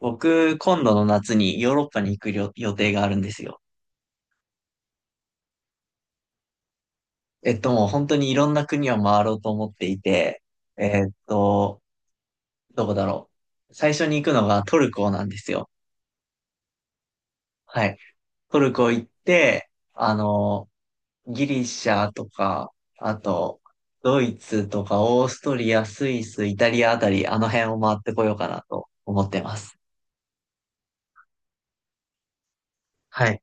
僕、今度の夏にヨーロッパに行く予定があるんですよ。もう本当にいろんな国を回ろうと思っていて、えっと、どこだろう。最初に行くのがトルコなんですよ。はい。トルコ行って、ギリシャとか、あと、ドイツとか、オーストリア、スイス、イタリアあたり、あの辺を回ってこようかなと思ってます。はい。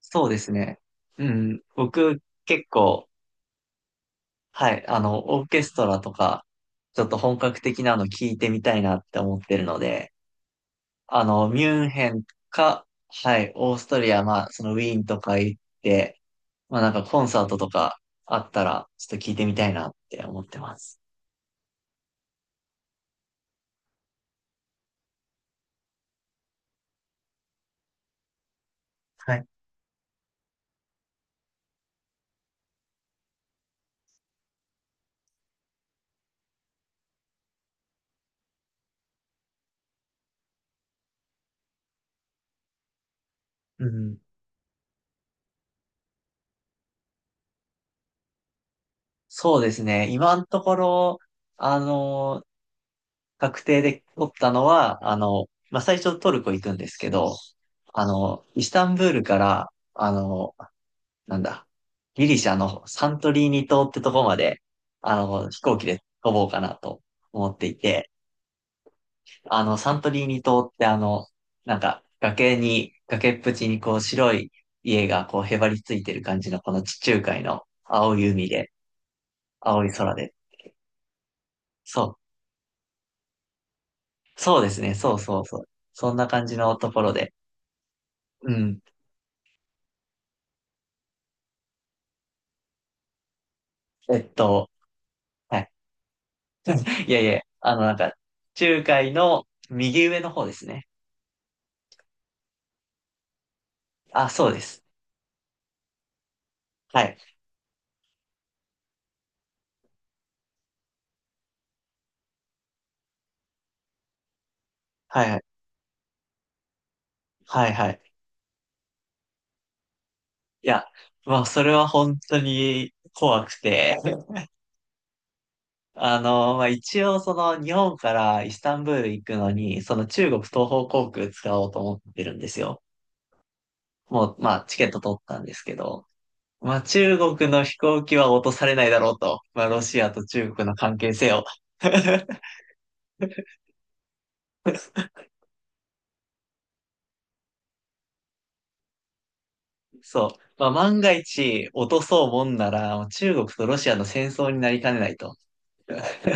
そうですね。うん。僕、結構、はい、オーケストラとか、ちょっと本格的なの聞いてみたいなって思ってるので、ミュンヘンか、はい、オーストリア、まあ、そのウィーンとか行って、まあなんかコンサートとかあったら、ちょっと聞いてみたいなって思ってます。はい。うん。そうですね。今のところ、あの、確定で取ったのは、まあ最初トルコ行くんですけど、イスタンブールから、あの、なんだ、ギリシャのサントリーニ島ってとこまで、飛行機で飛ぼうかなと思っていて、サントリーニ島ってなんか、崖っぷちにこう白い家がこうへばりついてる感じのこの地中海の青い海で、青い空で。そう、そうですね、そうそうそう。そんな感じのところで。うん。えっと、はい。いやいや、なんか、中海の右上の方ですね。あ、そうです。はい。はいはい。はいはい。いや、まあ、それは本当に怖くて、まあ、一応、その、日本からイスタンブール行くのに、その中国東方航空使おうと思ってるんですよ。もう、まあ、チケット取ったんですけど、まあ、中国の飛行機は落とされないだろうと。まあ、ロシアと中国の関係性を。そう。まあ、万が一落とそうもんなら、中国とロシアの戦争になりかねないと。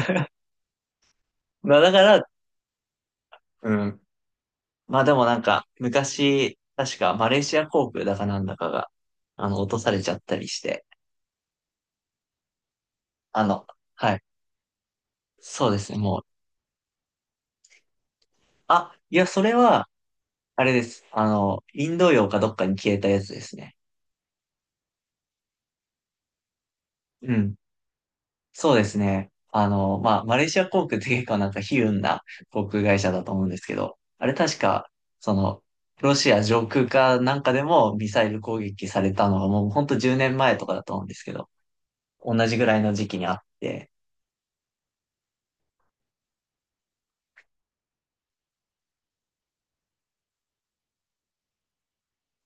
まあ、だから、うん。まあでもなんか、昔、確かマレーシア航空だかなんだかが、落とされちゃったりして、あの、はい。そうですね、もう。あ、いや、それは、あれです。インド洋かどっかに消えたやつですね。うん。そうですね。まあ、マレーシア航空って結構なんか悲運な航空会社だと思うんですけど、あれ確か、その、ロシア上空かなんかでもミサイル攻撃されたのがもうほんと10年前とかだと思うんですけど、同じぐらいの時期にあって、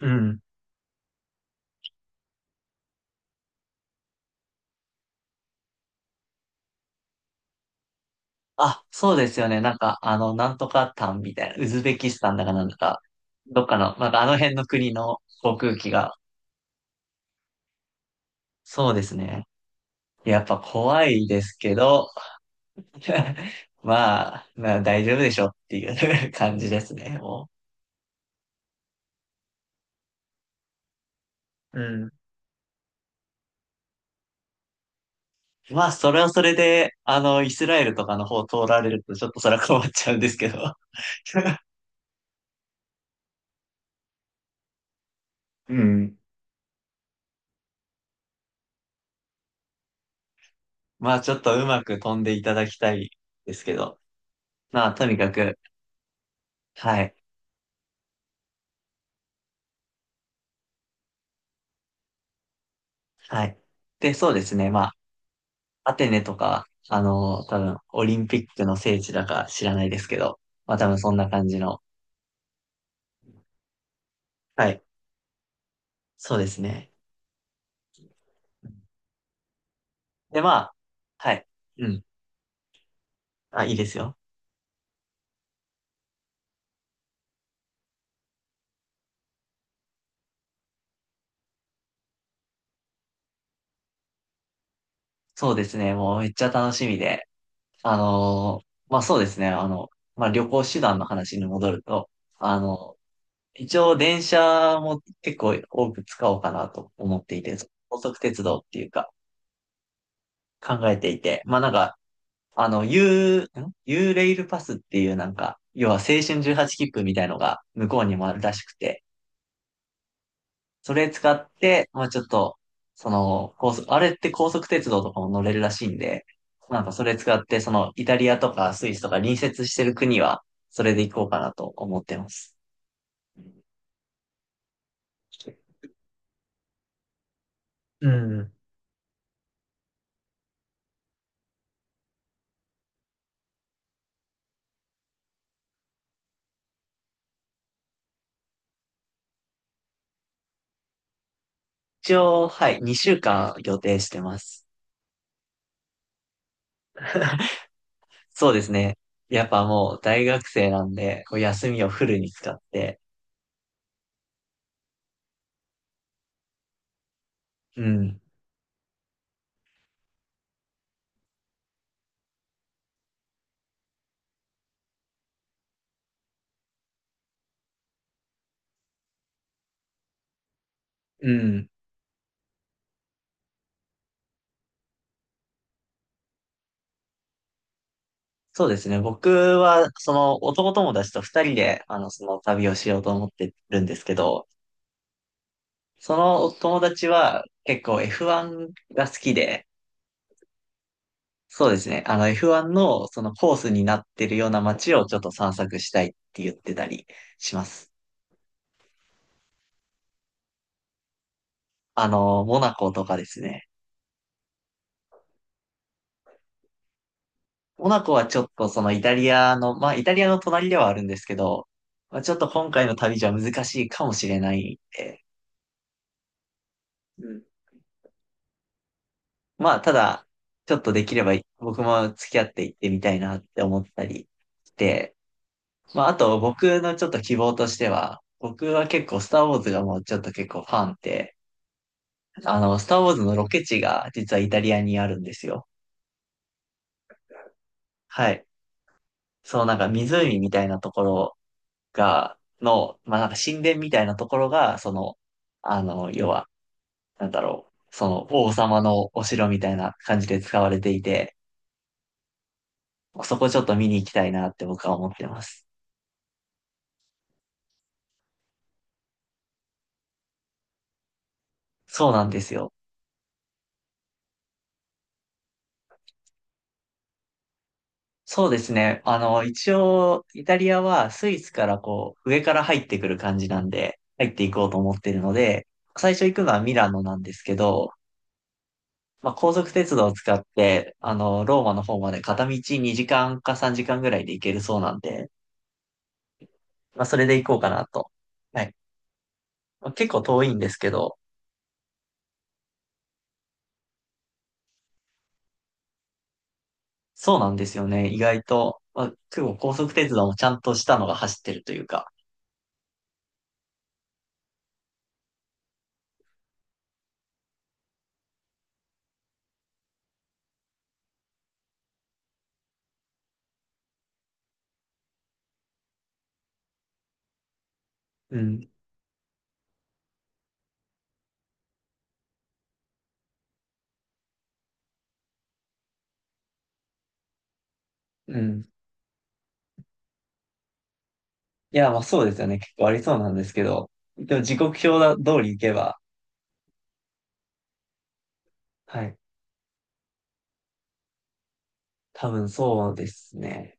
うん。あ、そうですよね。なんか、なんとかタンみたいな、ウズベキスタンだかなんだか、どっかの、なんかあの辺の国の航空機が、そうですね。やっぱ怖いですけど、まあ、まあ大丈夫でしょっていう 感じですね、もう。うん。まあ、それはそれで、イスラエルとかの方通られると、ちょっとそれは困っちゃうんですけど。うん。まあ、ちょっとうまく飛んでいただきたいですけど。まあ、とにかく、はい。はい。で、そうですね。まあアテネとか、多分、オリンピックの聖地だか知らないですけど、まあ多分そんな感じの。はい。そうですね。で、まあ、はい。うん。あ、いいですよ。そうですね。もうめっちゃ楽しみで。まあそうですね。まあ旅行手段の話に戻ると、あの、一応電車も結構多く使おうかなと思っていて、高速鉄道っていうか考えていて、まあなんかあの、U、ん U レイルパスっていうなんか、要は青春18切符みたいのが向こうにもあるらしくて、それ使って、まあちょっと、その、高速、あれって高速鉄道とかも乗れるらしいんで、なんかそれ使って、その、イタリアとかスイスとか隣接してる国は、それで行こうかなと思ってます。うん。一応、はい、2週間予定してます。そうですね。やっぱもう大学生なんで、こう休みをフルに使って、うん、うん。そうですね。僕は、その男友達と二人で、その旅をしようと思ってるんですけど、その友達は結構 F1 が好きで、そうですね。あの F1 のそのコースになってるような街をちょっと散策したいって言ってたりします。モナコとかですね。モナコはちょっとそのイタリアの、まあイタリアの隣ではあるんですけど、まあ、ちょっと今回の旅じゃ難しいかもしれないんで、まあ、ただ、ちょっとできれば僕も付き合っていってみたいなって思ったりして、まあ、あと僕のちょっと希望としては、僕は結構スターウォーズがもうちょっと結構ファンで、スターウォーズのロケ地が実はイタリアにあるんですよ。はい。そう、なんか湖みたいなところが、まあ、なんか神殿みたいなところが、その、要は、なんだろう、その王様のお城みたいな感じで使われていて、そこちょっと見に行きたいなって僕は思ってます。そうなんですよ。そうですね。一応、イタリアはスイスからこう、上から入ってくる感じなんで、入っていこうと思ってるので、最初行くのはミラノなんですけど、まあ、高速鉄道を使って、ローマの方まで片道2時間か3時間ぐらいで行けるそうなんで、まあ、それで行こうかなと。はい。まあ結構遠いんですけど、そうなんですよね。意外と、まあ、結構高速鉄道もちゃんとしたのが走ってるというか。うん、うん。いや、まあそうですよね。結構ありそうなんですけど。でも時刻表だ通り行けば、はい。多分そうですね。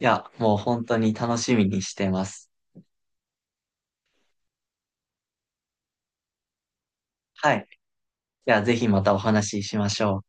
いや、もう本当に楽しみにしてます。はい。じゃあぜひまたお話ししましょう。